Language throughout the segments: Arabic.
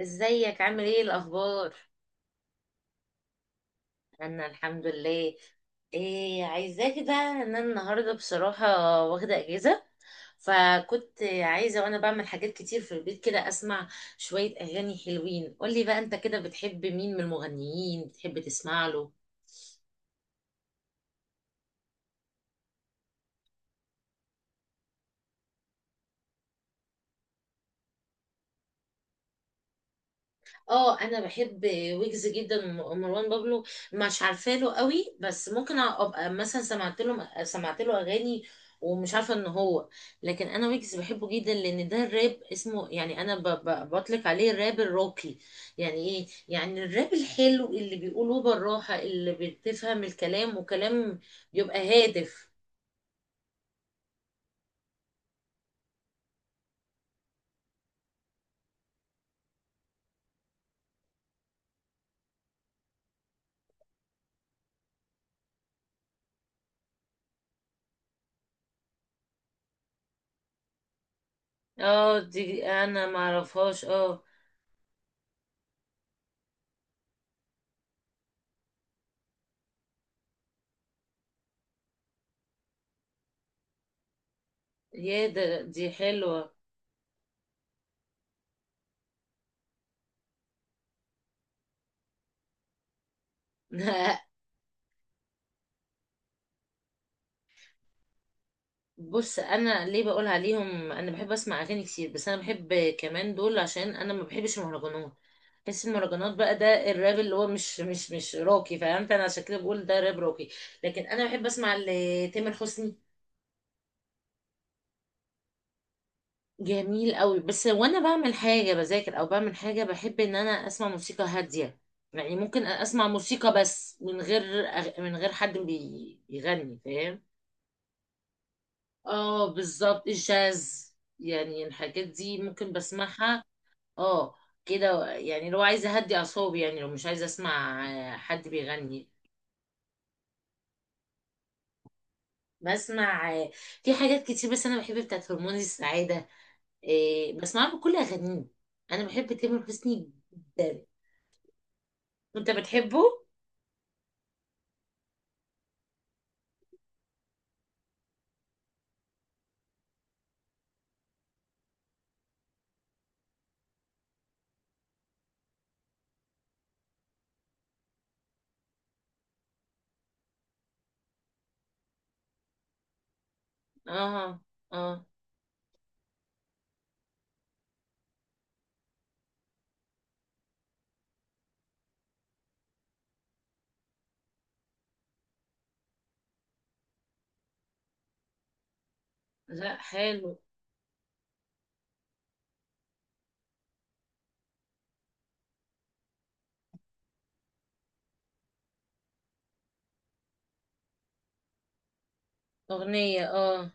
ازيك؟ عامل ايه؟ الاخبار؟ انا الحمد لله. إيه عايزاك ده؟ ان انا النهارده بصراحه واخده اجازه. فكنت عايزه وانا بعمل حاجات كتير في البيت كده اسمع شويه اغاني حلوين. قولي بقى، انت كده بتحب مين من المغنيين؟ بتحب تسمع له؟ اه، انا بحب ويجز جدا ومروان بابلو. مش عارفه له قوي، بس ممكن ابقى مثلا سمعت له اغاني. ومش عارفه ان هو، لكن انا ويجز بحبه جدا لان ده الراب اسمه، يعني انا بطلق عليه الراب الراقي. يعني ايه؟ يعني الراب الحلو اللي بيقولوه بالراحه اللي بتفهم الكلام وكلام. يبقى هادف. اه، دي انا معرفهاش، اه. يا ده دي حلوه. بص، انا ليه بقول عليهم؟ انا بحب اسمع اغاني كتير، بس انا بحب كمان دول عشان انا ما بحبش المهرجانات. بحس المهرجانات بقى ده الراب اللي هو مش روكي، فهمت؟ انا عشان كده بقول ده راب روكي. لكن انا بحب اسمع تامر حسني. جميل قوي. بس وانا بعمل حاجه بذاكر او بعمل حاجه، بحب ان انا اسمع موسيقى هاديه. يعني ممكن اسمع موسيقى، بس من غير من غير حد بيغني، فاهم؟ اه، بالظبط الجاز. يعني الحاجات دي ممكن بسمعها. اه. كده يعني، لو عايزه اهدي اعصابي، يعني لو مش عايزه اسمع حد بيغني. بسمع. في حاجات كتير، بس انا بحب بتاعت هرمون السعاده. بسمعها بكل اغانيه. انا بحب تامر حسني جدا. وانت بتحبه؟ اه، اه. لا حلو. اغنيه، اه.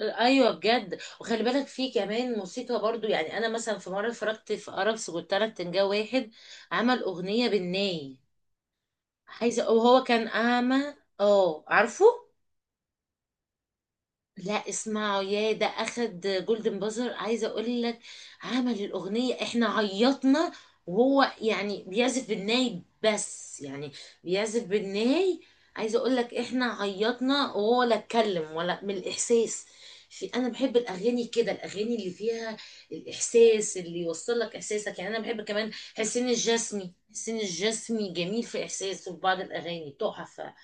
ايوه، بجد. وخلي بالك في كمان موسيقى برضو، يعني انا مثلا في مره اتفرجت في ارابس قلت لك، تنجا واحد عمل اغنيه بالناي. عايزه، وهو كان اعمى. اه، عارفه. لا اسمعوا، يا ده اخد جولدن بازر. عايزه اقول لك، عمل الاغنيه احنا عيطنا. وهو يعني بيعزف بالناي، بس يعني بيعزف بالناي. عايزه اقول لك، احنا عيطنا وهو لا اتكلم، ولا من الاحساس. في، انا بحب الاغاني كده، الاغاني اللي فيها الاحساس اللي يوصل لك احساسك. يعني انا بحب كمان حسين الجسمي، جميل في احساسه، في بعض الاغاني تحفه.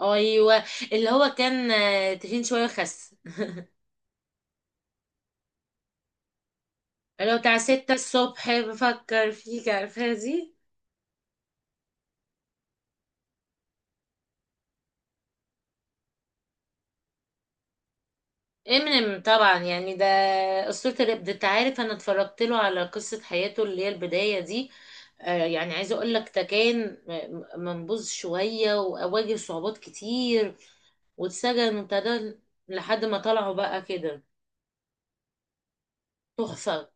ايوه، اللي هو كان تخين شويه وخس. لو بتاع 6 الصبح بفكر فيك، عارفها دي؟ امينيم طبعا، يعني ده أسطورة الراب. ده انت عارف، انا اتفرجت له على قصة حياته اللي هي البداية دي. يعني عايزة اقول لك ده كان منبوذ شوية وأواجه صعوبات كتير، واتسجن وابتدى لحد ما طلعوا بقى كده. تحفة.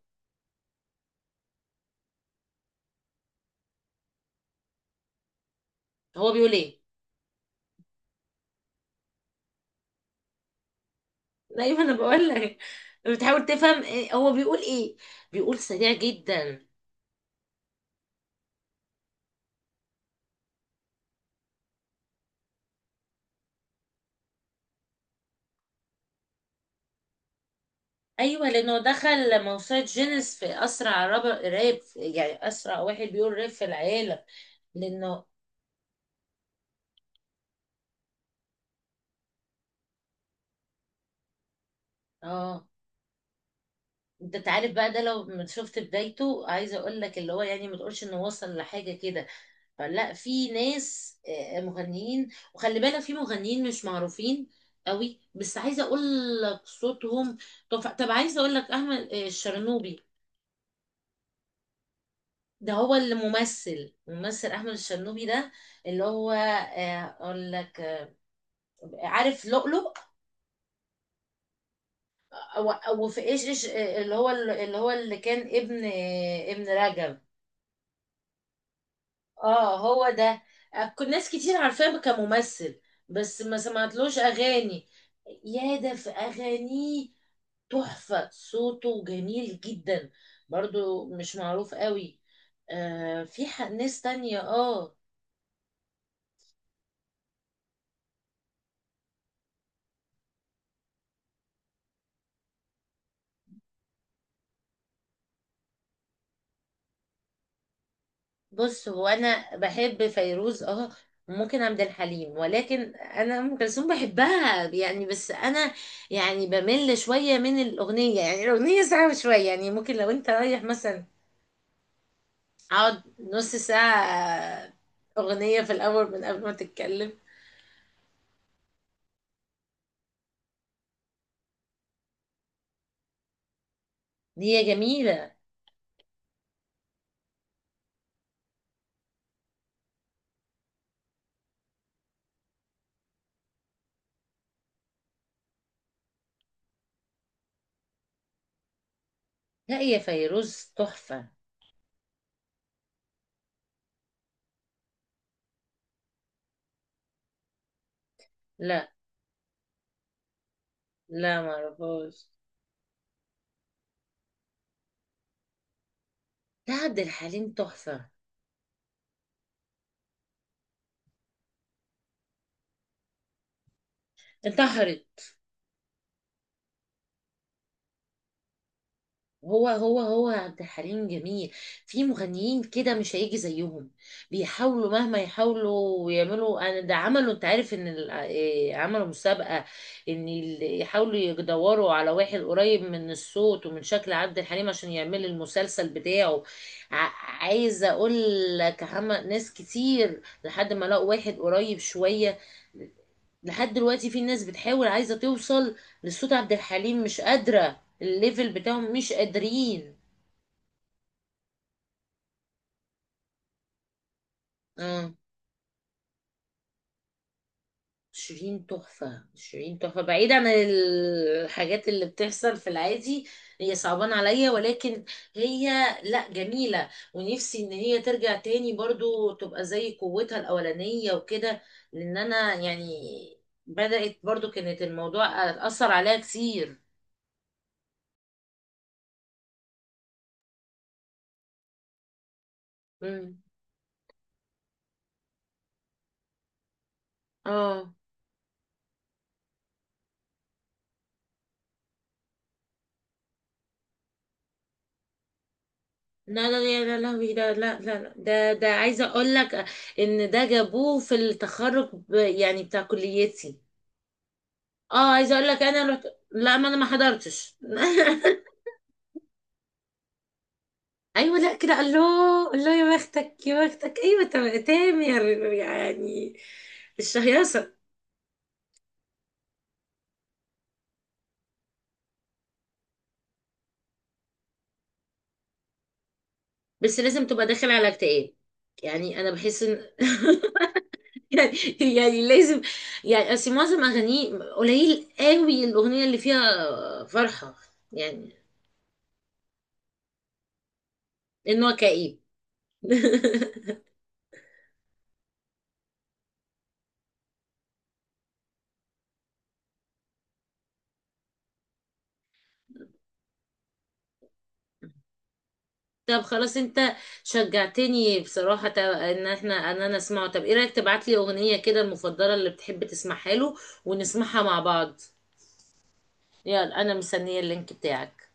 هو بيقول ايه؟ دايما انا بقول لك، بتحاول تفهم هو بيقول ايه؟ بيقول سريع جدا. ايوه، لانه دخل موسوعه جينيس في اسرع راب، يعني اسرع واحد بيقول راب في العالم. لانه، اه. انت تعرف بقى ده لو شفت بدايته، عايزه اقول لك اللي هو يعني ما تقولش انه وصل لحاجه كده. فلا، في ناس مغنيين، وخلي بالك في مغنيين مش معروفين قوي. بس عايزه اقول لك صوتهم. طب عايزه اقول لك احمد الشرنوبي. ده هو اللي ممثل احمد الشرنوبي، ده اللي هو اقول لك، عارف لؤلؤ؟ او في ايش اللي هو اللي كان ابن ابن رجب. اه، هو ده. كل ناس كتير عارفاه كممثل، بس ما سمعتلوش اغاني. يا ده في اغانيه تحفة، صوته جميل جدا. برضو مش معروف قوي. في ناس تانية، اه. بص، هو انا بحب فيروز، اه. وممكن عبد الحليم، ولكن انا ام كلثوم بحبها يعني، بس انا يعني بمل شويه من الاغنيه، يعني الاغنيه ساعه شويه، يعني ممكن لو انت رايح مثلا اقعد نص ساعه اغنيه في الاول من قبل ما تتكلم. هي جميله. لا، هي فيروز تحفه. لا، لا ما اعرفهاش. لا، عبد الحليم تحفه. انتحر؟ هو عبد الحليم جميل. في مغنيين كده مش هيجي زيهم. بيحاولوا مهما يحاولوا ويعملوا، انا ده عملوا، انت عارف ان ال- إيه، عملوا مسابقة ان يحاولوا يدوروا على واحد قريب من الصوت ومن شكل عبد الحليم عشان يعمل المسلسل بتاعه. ع- عايزة اقول لك عمل ناس كتير لحد ما لقوا واحد قريب شوية. لحد دلوقتي في ناس بتحاول عايزة توصل لصوت عبد الحليم مش قادرة، الليفل بتاعهم مش قادرين. اه، شيرين تحفة، شيرين تحفة، بعيد عن الحاجات اللي بتحصل في العادي. هي صعبان عليا، ولكن هي، لا جميلة، ونفسي ان هي ترجع تاني برضو تبقى زي قوتها الاولانية وكده. لان انا يعني بدأت برضو كانت الموضوع اثر عليها كتير. مم. اه، لا، لا، يا لا لهوي ده، لا، لا، لا، ده عايزه اقول لك ان ده جابوه في التخرج يعني بتاع كليتي. اه، عايزه اقول لك انا رحت. لا، ما انا ما حضرتش. ايوه، لا كده الله الله يا بختك يا بختك، ايوه تامر يعني الشهيصه. بس لازم تبقى داخل على اكتئاب. يعني انا بحس ان يعني، يعني لازم، يعني اصل معظم اغانيه، قليل قوي الاغنيه اللي فيها فرحه. يعني ان هو كئيب. طب خلاص، انت شجعتني بصراحة ان احنا ان انا اسمعه. طب ايه رأيك تبعتلي اغنية كده المفضلة اللي بتحب تسمعها له ونسمعها مع بعض؟ يلا، انا مستنية اللينك بتاعك.